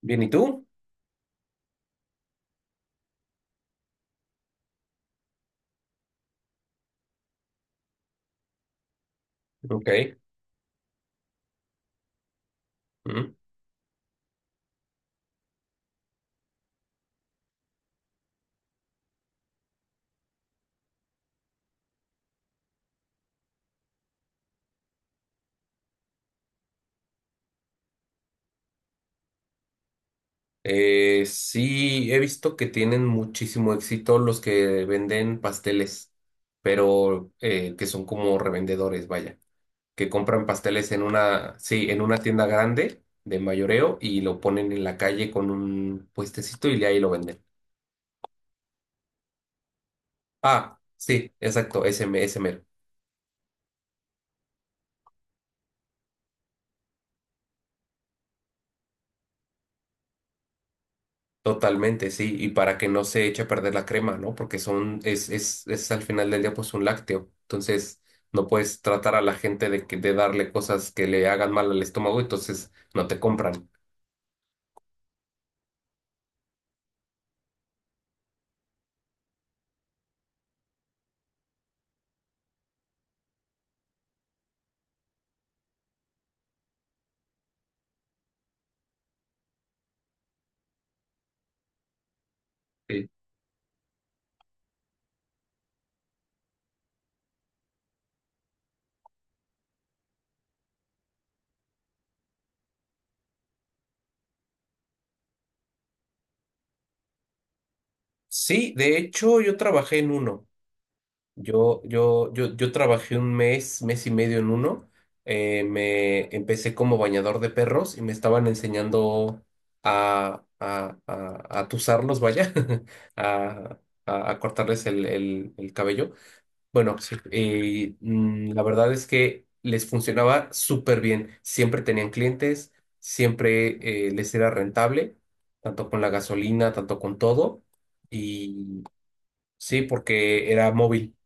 Bien, ¿y tú? Ok. Mm. Sí, he visto que tienen muchísimo éxito los que venden pasteles, pero que son como revendedores, vaya, que compran pasteles en una, sí, en una tienda grande de mayoreo y lo ponen en la calle con un puestecito y ahí lo venden. Ah, sí, exacto, ese, ese mero. Totalmente, sí, y para que no se eche a perder la crema, ¿no? Porque es al final del día pues un lácteo. Entonces, no puedes tratar a la gente de darle cosas que le hagan mal al estómago, entonces no te compran. Sí, sí, de hecho, yo trabajé en uno. Yo trabajé un mes, mes y medio en uno. Me empecé como bañador de perros y me estaban enseñando a tusarlos, vaya, a, a cortarles el cabello. Bueno, sí, la verdad es que les funcionaba súper bien. Siempre tenían clientes, siempre les era rentable, tanto con la gasolina, tanto con todo. Y sí, porque era móvil.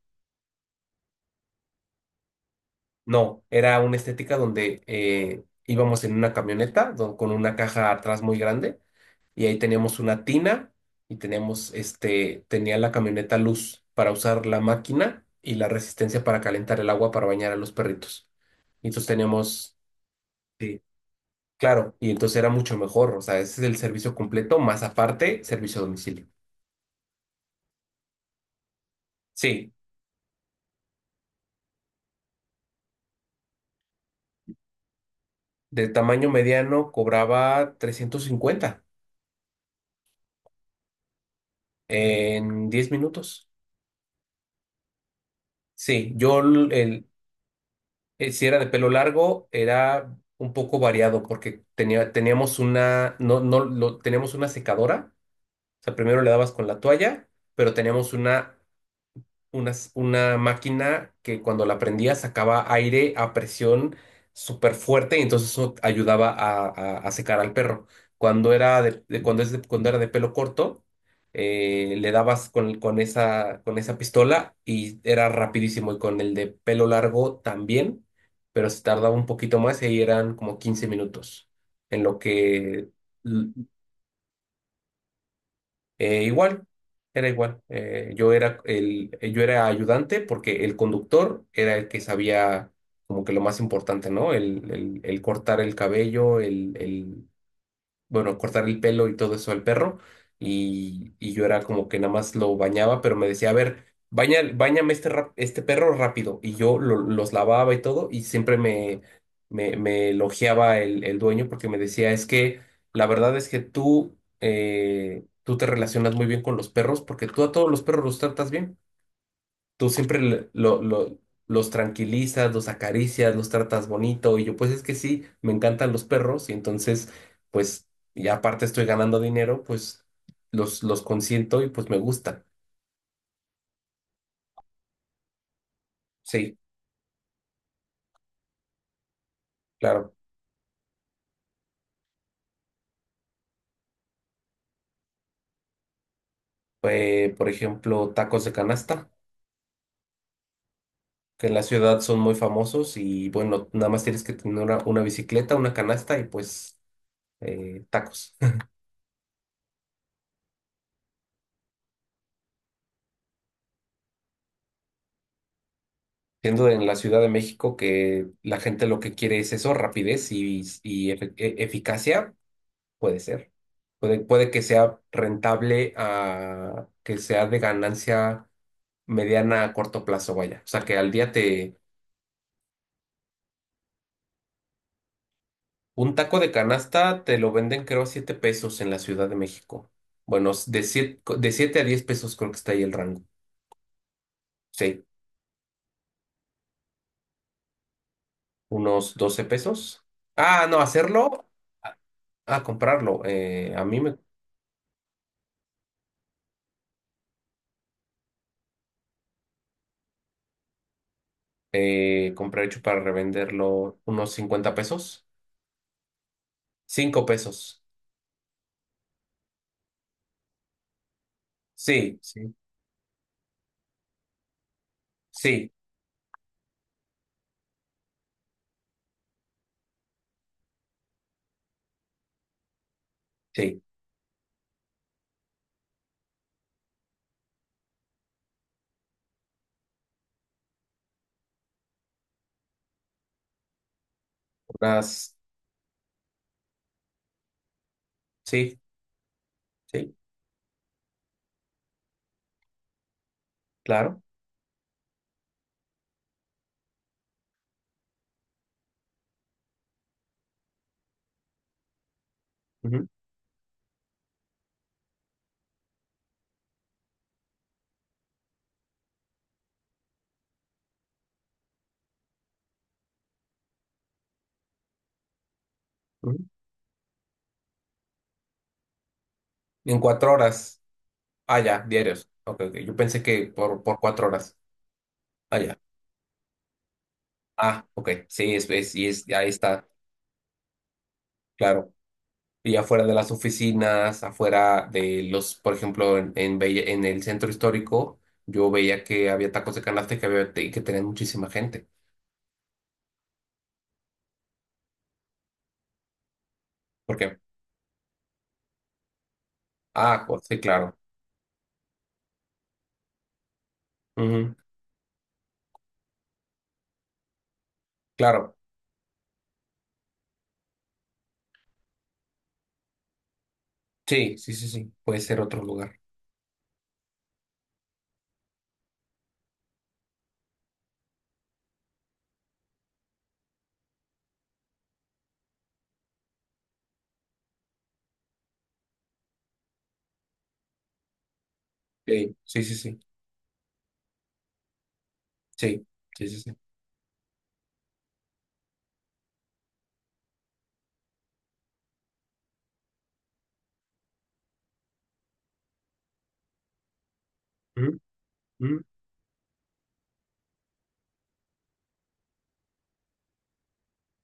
No, era una estética donde íbamos en una camioneta con una caja atrás muy grande y ahí teníamos una tina y teníamos, este, tenía la camioneta luz para usar la máquina y la resistencia para calentar el agua para bañar a los perritos. Y entonces teníamos, sí, claro, y entonces era mucho mejor, o sea, ese es el servicio completo, más aparte, servicio a domicilio. Sí, de tamaño mediano cobraba 350 en 10 minutos. Sí, si era de pelo largo, era un poco variado porque teníamos una, no, no, teníamos una secadora. O sea, primero le dabas con la toalla, pero teníamos una máquina que cuando la prendía sacaba aire a presión súper fuerte y entonces eso ayudaba a secar al perro. Cuando era de pelo corto, le dabas con esa pistola y era rapidísimo. Y con el de pelo largo también, pero se tardaba un poquito más y ahí eran como 15 minutos en lo que eh, igual, era igual. Yo era ayudante porque el conductor era el que sabía como que lo más importante, ¿no? El cortar el cabello, bueno, cortar el pelo y todo eso al perro. Y yo era como que nada más lo bañaba, pero me decía, a ver, báñame este perro rápido. Y yo los lavaba y todo, y siempre me elogiaba el dueño porque me decía, es que la verdad es que tú te relacionas muy bien con los perros porque tú a todos los perros los tratas bien, tú siempre los tranquilizas, los acaricias, los tratas bonito. Y yo, pues es que sí, me encantan los perros y entonces, pues, y aparte estoy ganando dinero, pues los consiento y pues me gusta. Sí, claro. Por ejemplo, tacos de canasta, que en la ciudad son muy famosos y bueno, nada más tienes que tener una bicicleta, una canasta y pues tacos. Siendo en la Ciudad de México que la gente lo que quiere es eso, rapidez y eficacia. Puede ser. Puede que sea rentable a que sea de ganancia mediana a corto plazo, vaya. O sea, que al día te... Un taco de canasta te lo venden creo a 7 pesos en la Ciudad de México. Bueno, de 7 a 10 pesos creo que está ahí el rango. Sí, unos 12 pesos. Ah, no, hacerlo. Ah, ah, comprarlo. A mí me compré hecho para revenderlo unos 50 pesos. 5 pesos. Sí, sí, sí. Sí. Unas, sí, sí, claro. Ujú, ujú. En 4 horas. Ah, ya, diarios. Ok, ok. Yo pensé que por 4 horas. Ah, ya. Ah, ok. Sí, ahí está, claro. Y afuera de las oficinas, afuera de los, por ejemplo, en el centro histórico, yo veía que había tacos de canasta y que tenían muchísima gente. ¿Por qué? Ah, pues, sí, claro. Ujú. Claro. Sí, sí, sí, sí. Puede ser otro lugar. Sí, sí, sí, sí. Sí, sí, sí, sí. Ujú, ujú.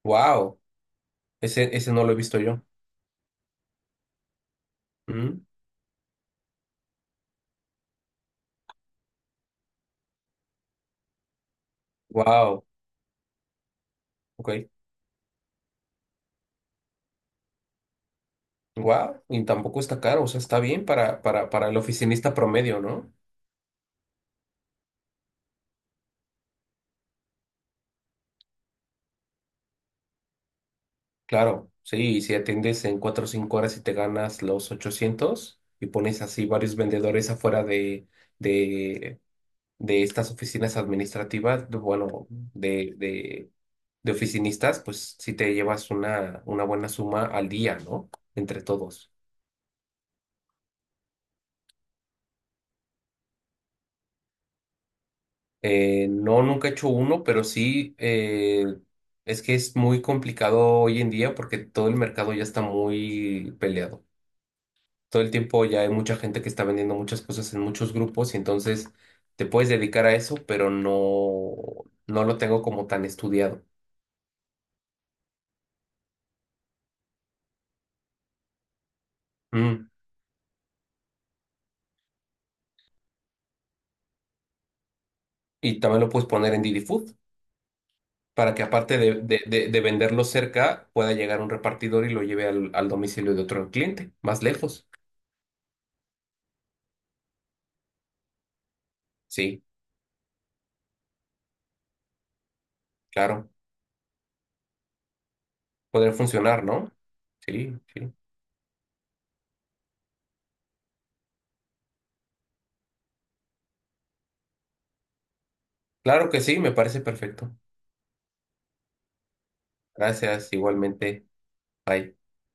Wow, ese no lo he visto yo. Wow, ok. Wow, y tampoco está caro, o sea, está bien para el oficinista promedio, ¿no? Claro, sí, y si atiendes en 4 o 5 horas y te ganas los 800 y pones así varios vendedores afuera de, de, de, estas oficinas administrativas, bueno, de oficinistas, pues sí te llevas una buena suma al día, ¿no? Entre todos. No, nunca he hecho uno, pero sí, es que es muy complicado hoy en día porque todo el mercado ya está muy peleado. Todo el tiempo ya hay mucha gente que está vendiendo muchas cosas en muchos grupos y entonces te puedes dedicar a eso, pero no, no lo tengo como tan estudiado. Mm. Y también lo puedes poner en Didi Food para que aparte de venderlo cerca, pueda llegar un repartidor y lo lleve al domicilio de otro cliente, más lejos. Sí, claro. Poder funcionar, ¿no? Sí, sí. Claro que sí, me parece perfecto. Gracias, igualmente. Bye.